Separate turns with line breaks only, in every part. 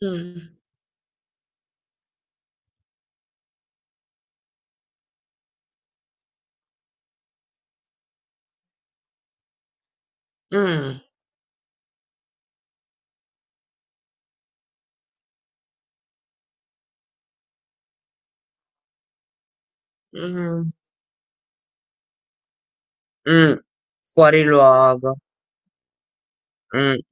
Mh, mh, mh, mh. Fuori luogo. Mh,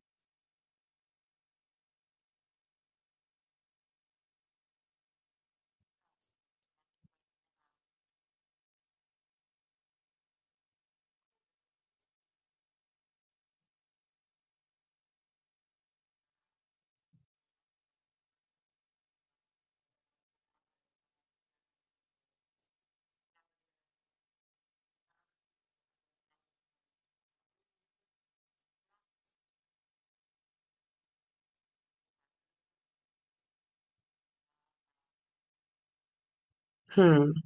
mh,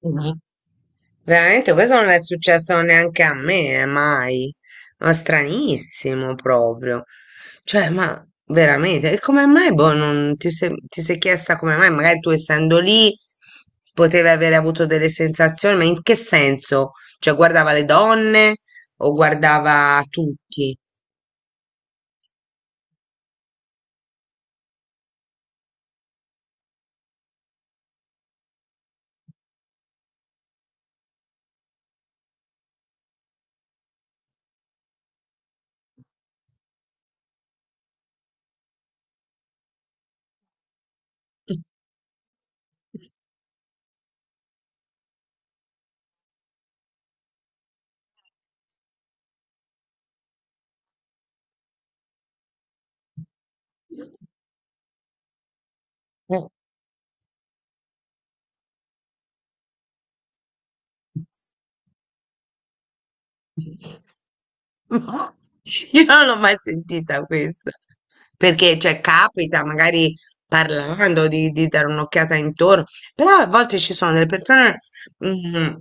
mh. Veramente questo non è successo neanche a me, mai. Ma stranissimo proprio. Cioè, ma veramente, e come mai, boh, non ti sei, ti sei chiesta come mai? Magari tu essendo lì potevi avere avuto delle sensazioni, ma in che senso? Cioè, guardava le donne o guardava tutti? No, io non l'ho mai sentita questa, perché cioè, capita magari parlando di, dare un'occhiata intorno, però a volte ci sono delle persone, mm,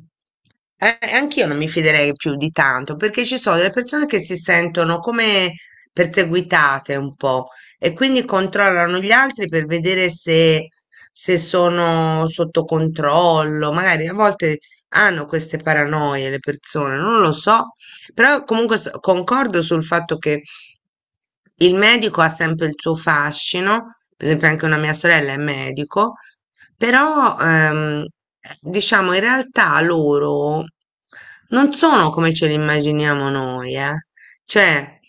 anch'io non mi fiderei più di tanto, perché ci sono delle persone che si sentono come perseguitate un po' e quindi controllano gli altri per vedere se sono sotto controllo, magari a volte hanno queste paranoie le persone, non lo so. Però comunque concordo sul fatto che il medico ha sempre il suo fascino, per esempio anche una mia sorella è medico, però diciamo in realtà loro non sono come ce li immaginiamo noi, eh. Cioè,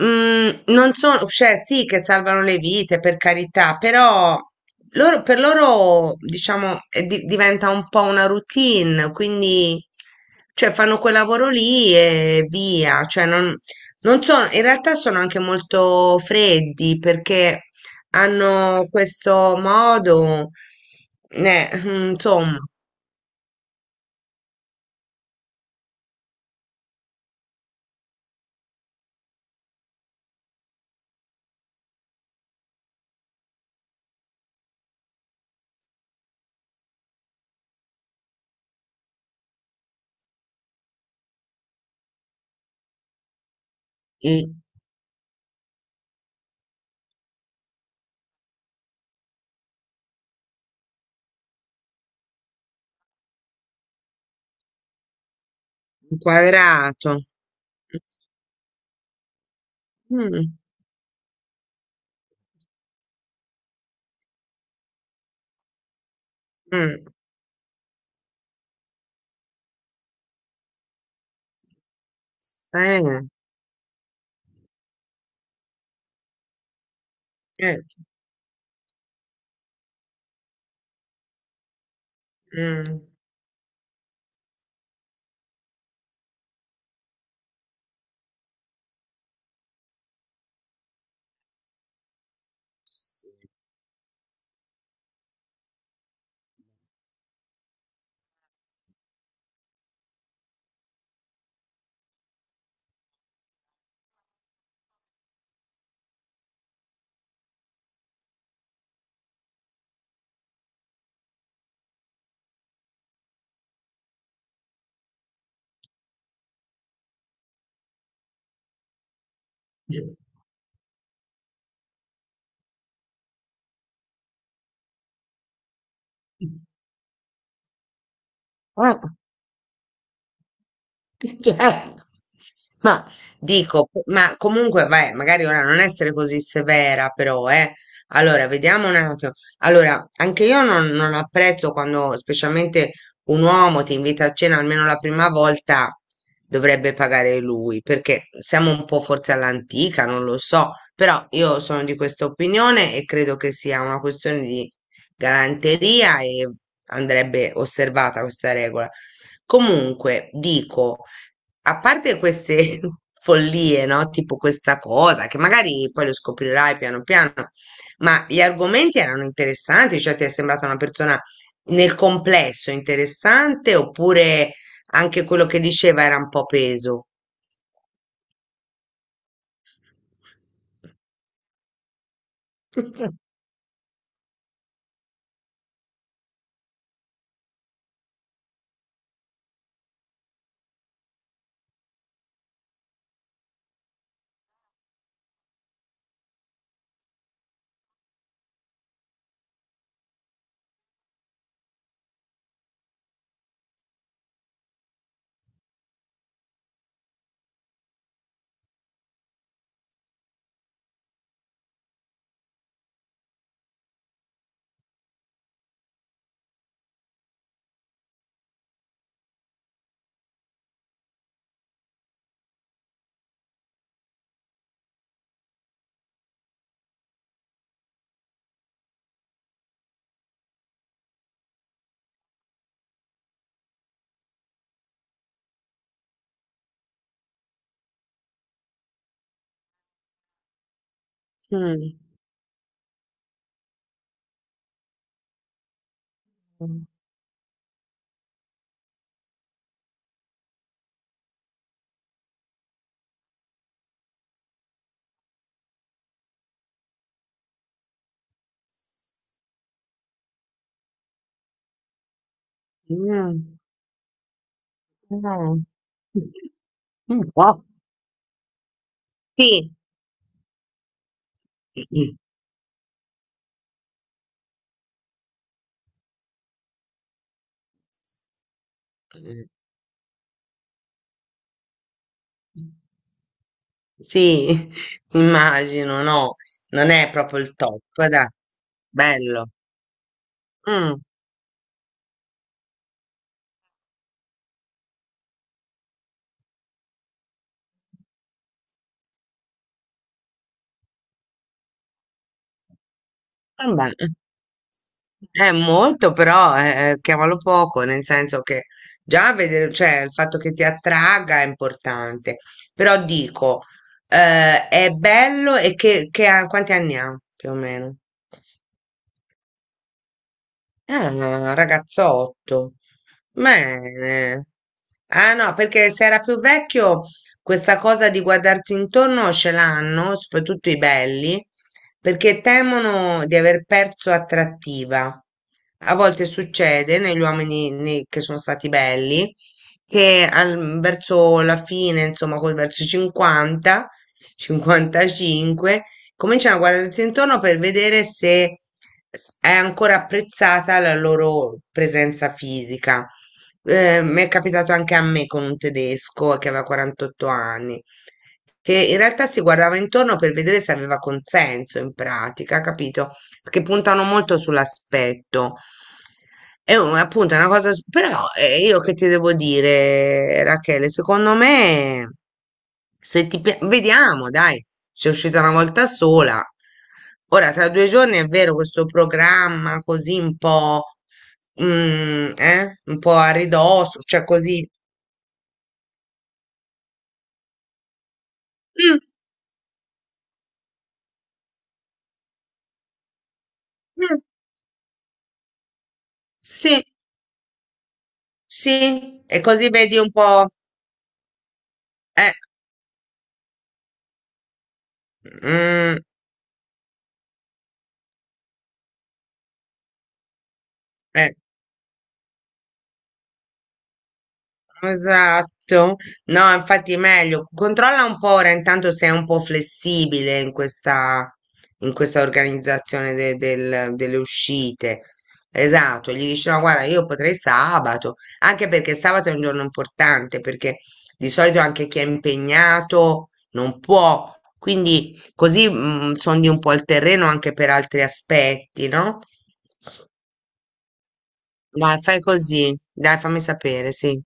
Non sono, cioè sì che salvano le vite per carità, però loro, per loro diciamo diventa un po' una routine, quindi cioè, fanno quel lavoro lì e via, cioè non, sono, in realtà sono anche molto freddi perché hanno questo modo, insomma, mm, inquadrato. Mm, mm, eh. Certo. Mh. Sì. Ah. Certo. Ma dico, ma comunque, vai, magari ora non essere così severa, però, eh. Allora, vediamo un attimo. Allora, anche io non apprezzo quando, specialmente un uomo ti invita a cena almeno la prima volta, dovrebbe pagare lui, perché siamo un po' forse all'antica, non lo so, però io sono di questa opinione e credo che sia una questione di galanteria e andrebbe osservata questa regola. Comunque, dico. A parte queste follie, no? Tipo questa cosa, che magari poi lo scoprirai piano piano, ma gli argomenti erano interessanti, cioè ti è sembrata una persona nel complesso interessante, oppure anche quello che diceva era un po' peso? Mm. Mm. Mm. Un po'. Sì. Sì, immagino, no, non è proprio il top, dai, bello. Mm, Vabbè, è molto, però chiamalo poco, nel senso che già vedere, cioè il fatto che ti attragga è importante, però dico, è bello e che quanti anni ha più o meno? Ah, ragazzotto. Bene. Ah no, perché se era più vecchio questa cosa di guardarsi intorno ce l'hanno, soprattutto i belli, perché temono di aver perso attrattiva. A volte succede negli uomini che sono stati belli che verso la fine, insomma, col verso i 50, 55, cominciano a guardarsi intorno per vedere se è ancora apprezzata la loro presenza fisica. Mi è capitato anche a me con un tedesco che aveva 48 anni, che in realtà si guardava intorno per vedere se aveva consenso in pratica, capito? Perché puntano molto sull'aspetto. Appunto è una cosa, però io che ti devo dire, Rachele, secondo me. Se ti pia- vediamo, dai, sei uscita una volta sola. Ora, tra due giorni è vero, questo programma così un po', un po' a ridosso, cioè così. Mm, mm, sì, sì, e così vedi un po', eh, mm, eh. Esatto, no, infatti è meglio. Controlla un po' ora intanto se è un po' flessibile in questa, organizzazione delle uscite. Esatto, gli dici no, guarda, io potrei sabato, anche perché sabato è un giorno importante, perché di solito anche chi è impegnato non può, quindi così sondi un po' il terreno anche per altri aspetti, no? Dai, fai così, dai, fammi sapere, sì.